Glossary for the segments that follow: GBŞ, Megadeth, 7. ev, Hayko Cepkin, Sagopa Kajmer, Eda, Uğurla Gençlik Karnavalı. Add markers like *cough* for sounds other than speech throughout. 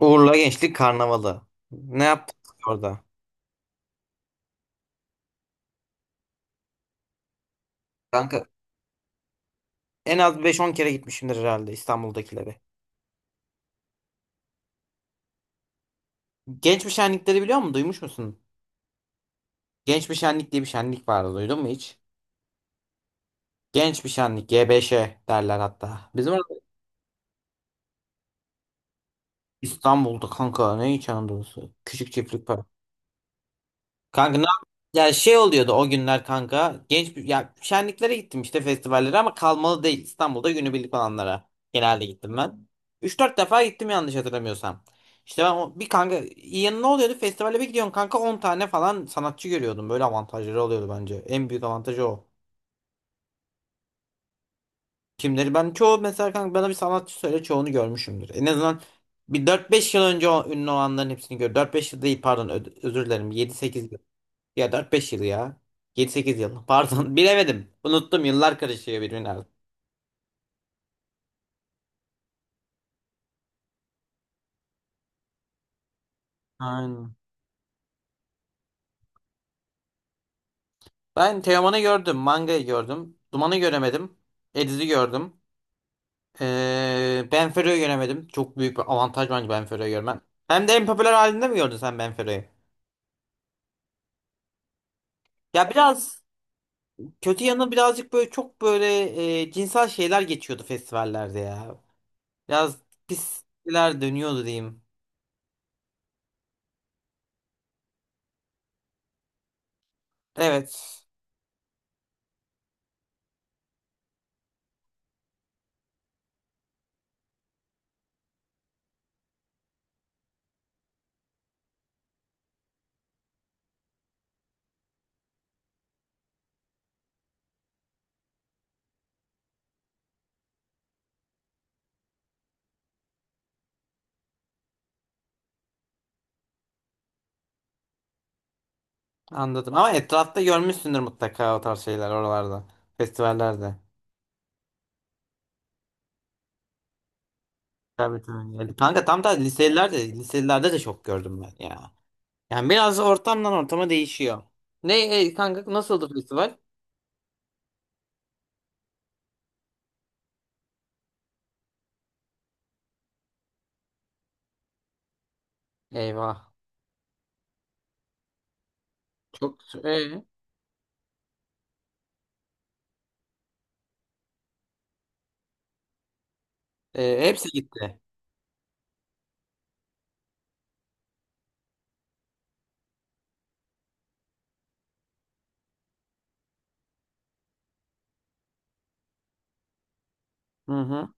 Uğurla Gençlik Karnavalı. Ne yaptık orada? Kanka en az beş on kere gitmişimdir herhalde İstanbul'dakilere. Genç bir şenlikleri biliyor musun? Duymuş musun? Genç bir şenlik diye bir şenlik vardı. Duydun mu hiç? Genç bir şenlik. GBŞ derler hatta. Bizim orada İstanbul'da kanka ne hiç anadolusu. Küçük çiftlik var. Kanka ne yap- Ya şey oluyordu o günler kanka. Ya şenliklere gittim işte festivallere ama kalmalı değil. İstanbul'da günübirlik olanlara genelde gittim ben. Üç dört defa gittim yanlış hatırlamıyorsam. İşte ben bir kanka yanı ne oluyordu? Festivale bir gidiyorsun kanka 10 tane falan sanatçı görüyordum. Böyle avantajları oluyordu bence. En büyük avantajı o. Kimleri ben çoğu mesela kanka bana bir sanatçı söyle çoğunu görmüşümdür. En azından bir dört beş yıl önce ünlü olanların hepsini gör. Dört beş yıl değil pardon özür dilerim. Yedi sekiz ya dört beş yıl ya. Yedi sekiz yıl. *laughs* Pardon. Bilemedim. Unuttum. Yıllar karışıyor birbirine. Aynen. Ben Teoman'ı gördüm. Manga'yı gördüm. Duman'ı göremedim. Ediz'i gördüm. Benfero'yu göremedim. Çok büyük bir avantaj bence Benfero'yu görmem. Hem de en popüler halinde mi gördün sen Benfero'yu? Ya biraz kötü yanı birazcık böyle çok böyle cinsel şeyler geçiyordu festivallerde ya. Biraz pisler dönüyordu diyeyim. Evet. Anladım. Ama etrafta görmüşsündür mutlaka o tarz şeyler oralarda. Festivallerde. Tabii tabii. Yani kanka tam da liselerde, liselerde de çok gördüm ben ya. Yani biraz ortamdan ortama değişiyor. Kanka nasıldı festival? Eyvah. Çok e, hepsi gitti. Hı hı.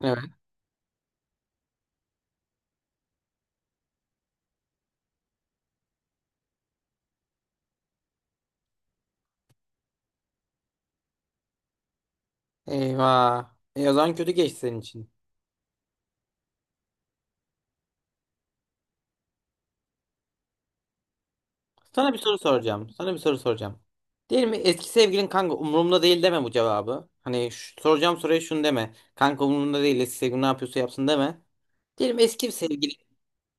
Evet. Eyvah. E, o zaman kötü geçti senin için. Sana bir soru soracağım. Sana bir soru soracağım. Diyelim mi eski sevgilin kanka umurumda değil deme bu cevabı. Hani soracağım soruya şunu deme. Kanka umurumda değil eski sevgilin ne yapıyorsa yapsın deme. Diyelim eski bir sevgili.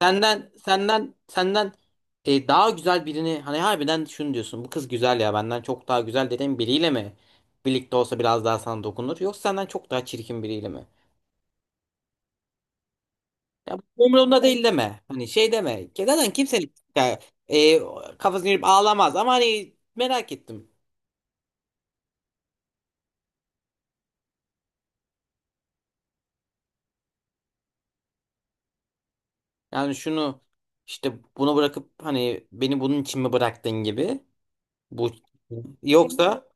Senden daha güzel birini hani harbiden şunu diyorsun. Bu kız güzel ya benden çok daha güzel dediğin biriyle mi? Birlikte olsa biraz daha sana dokunur. Yoksa senden çok daha çirkin biriyle mi? Ya bu umurumda değil deme. Hani şey deme. Zaten kimsenin ya, e, kafasını girip ağlamaz ama hani merak ettim. Yani şunu işte bunu bırakıp hani beni bunun için mi bıraktın gibi. Bu yoksa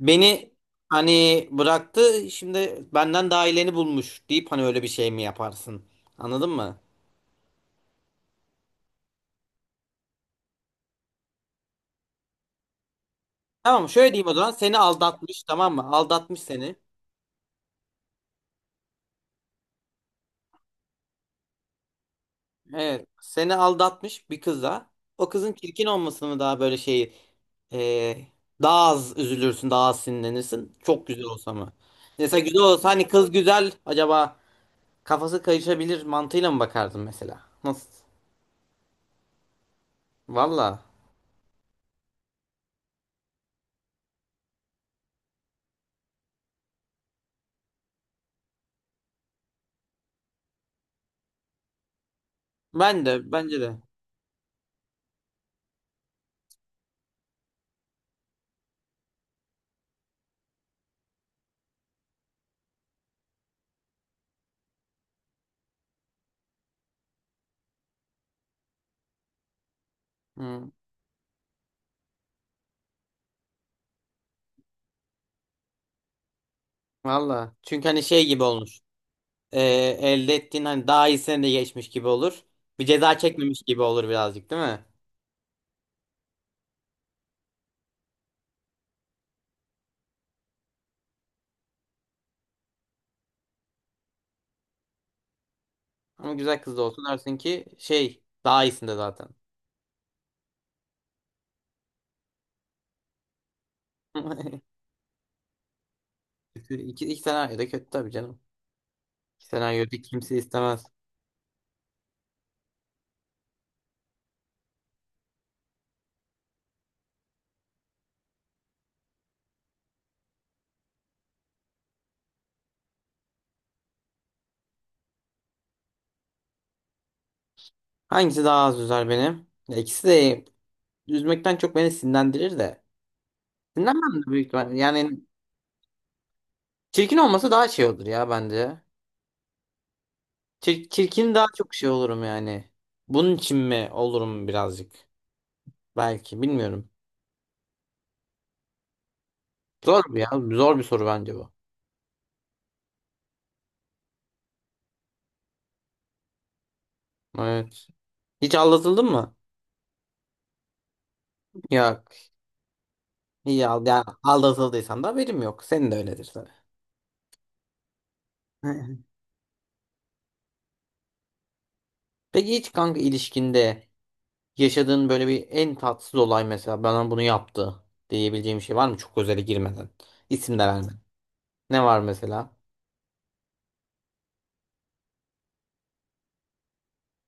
beni hani bıraktı şimdi benden daha iyileni bulmuş deyip hani öyle bir şey mi yaparsın? Anladın mı? Tamam şöyle diyeyim o zaman seni aldatmış tamam mı? Aldatmış seni. Evet seni aldatmış bir kıza. O kızın çirkin olmasını mı daha böyle şey e, daha az üzülürsün daha az sinirlenirsin. Çok güzel olsa mı? Mesela güzel olsa hani kız güzel acaba kafası kayışabilir mantığıyla mı bakardın mesela? Nasıl? Valla ben de bence de. Hı. Valla. Çünkü hani şey gibi olmuş. Ee, elde ettiğin hani daha iyisine de geçmiş gibi olur. Bir ceza çekmemiş gibi olur birazcık değil mi? Ama güzel kız da olsa dersin ki şey daha iyisinde zaten. *laughs* Kötü. İki, iki senaryo da kötü tabii canım. İki senaryo da kimse istemez. Hangisi daha az üzer benim? Ya ikisi de üzmekten çok beni sinirlendirir de. Sinirlenmem de büyük ihtimalle. Yani çirkin olması daha şey olur ya bence. Çirkin daha çok şey olurum yani. Bunun için mi olurum birazcık? Belki bilmiyorum. Zor bir ya. Zor bir soru bence bu. Evet. Hiç aldatıldın mı? Yok. İyi al yani aldatıldıysan da haberim yok. Senin de öyledir tabii. *laughs* Peki hiç kanka ilişkinde yaşadığın böyle bir en tatsız olay mesela bana bunu yaptı diyebileceğim bir şey var mı? Çok özele girmeden. İsim de vermeden. Ne var mesela?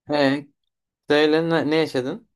He, söyle ne yaşadın?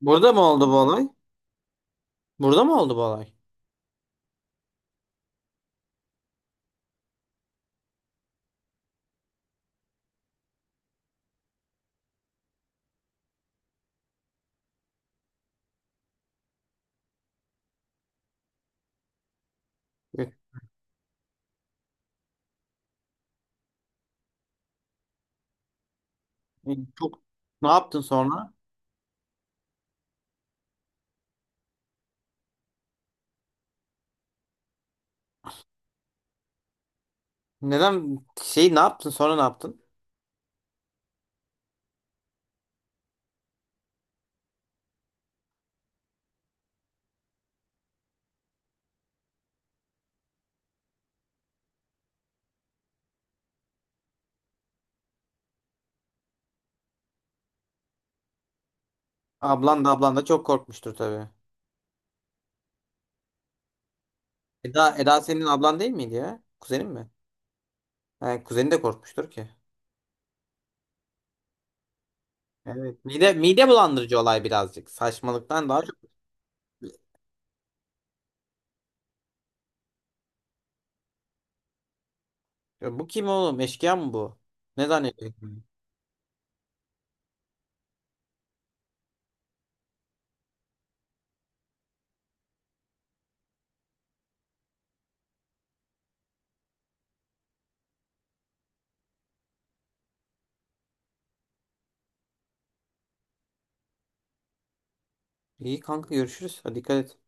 Burada mı oldu bu olay? Burada mı oldu bu olay? E, Çok ne yaptın sonra? Neden şey ne yaptın sonra ne yaptın? Ablan da çok korkmuştur tabii. Eda senin ablan değil miydi ya? Kuzenin mi? Ha, kuzeni de korkmuştur ki. Evet. Mide bulandırıcı olay birazcık. Saçmalıktan daha çok. Ya bu kim oğlum? Eşkıya mı bu? Ne zannediyorsun? İyi kanka görüşürüz. Hadi dikkat et.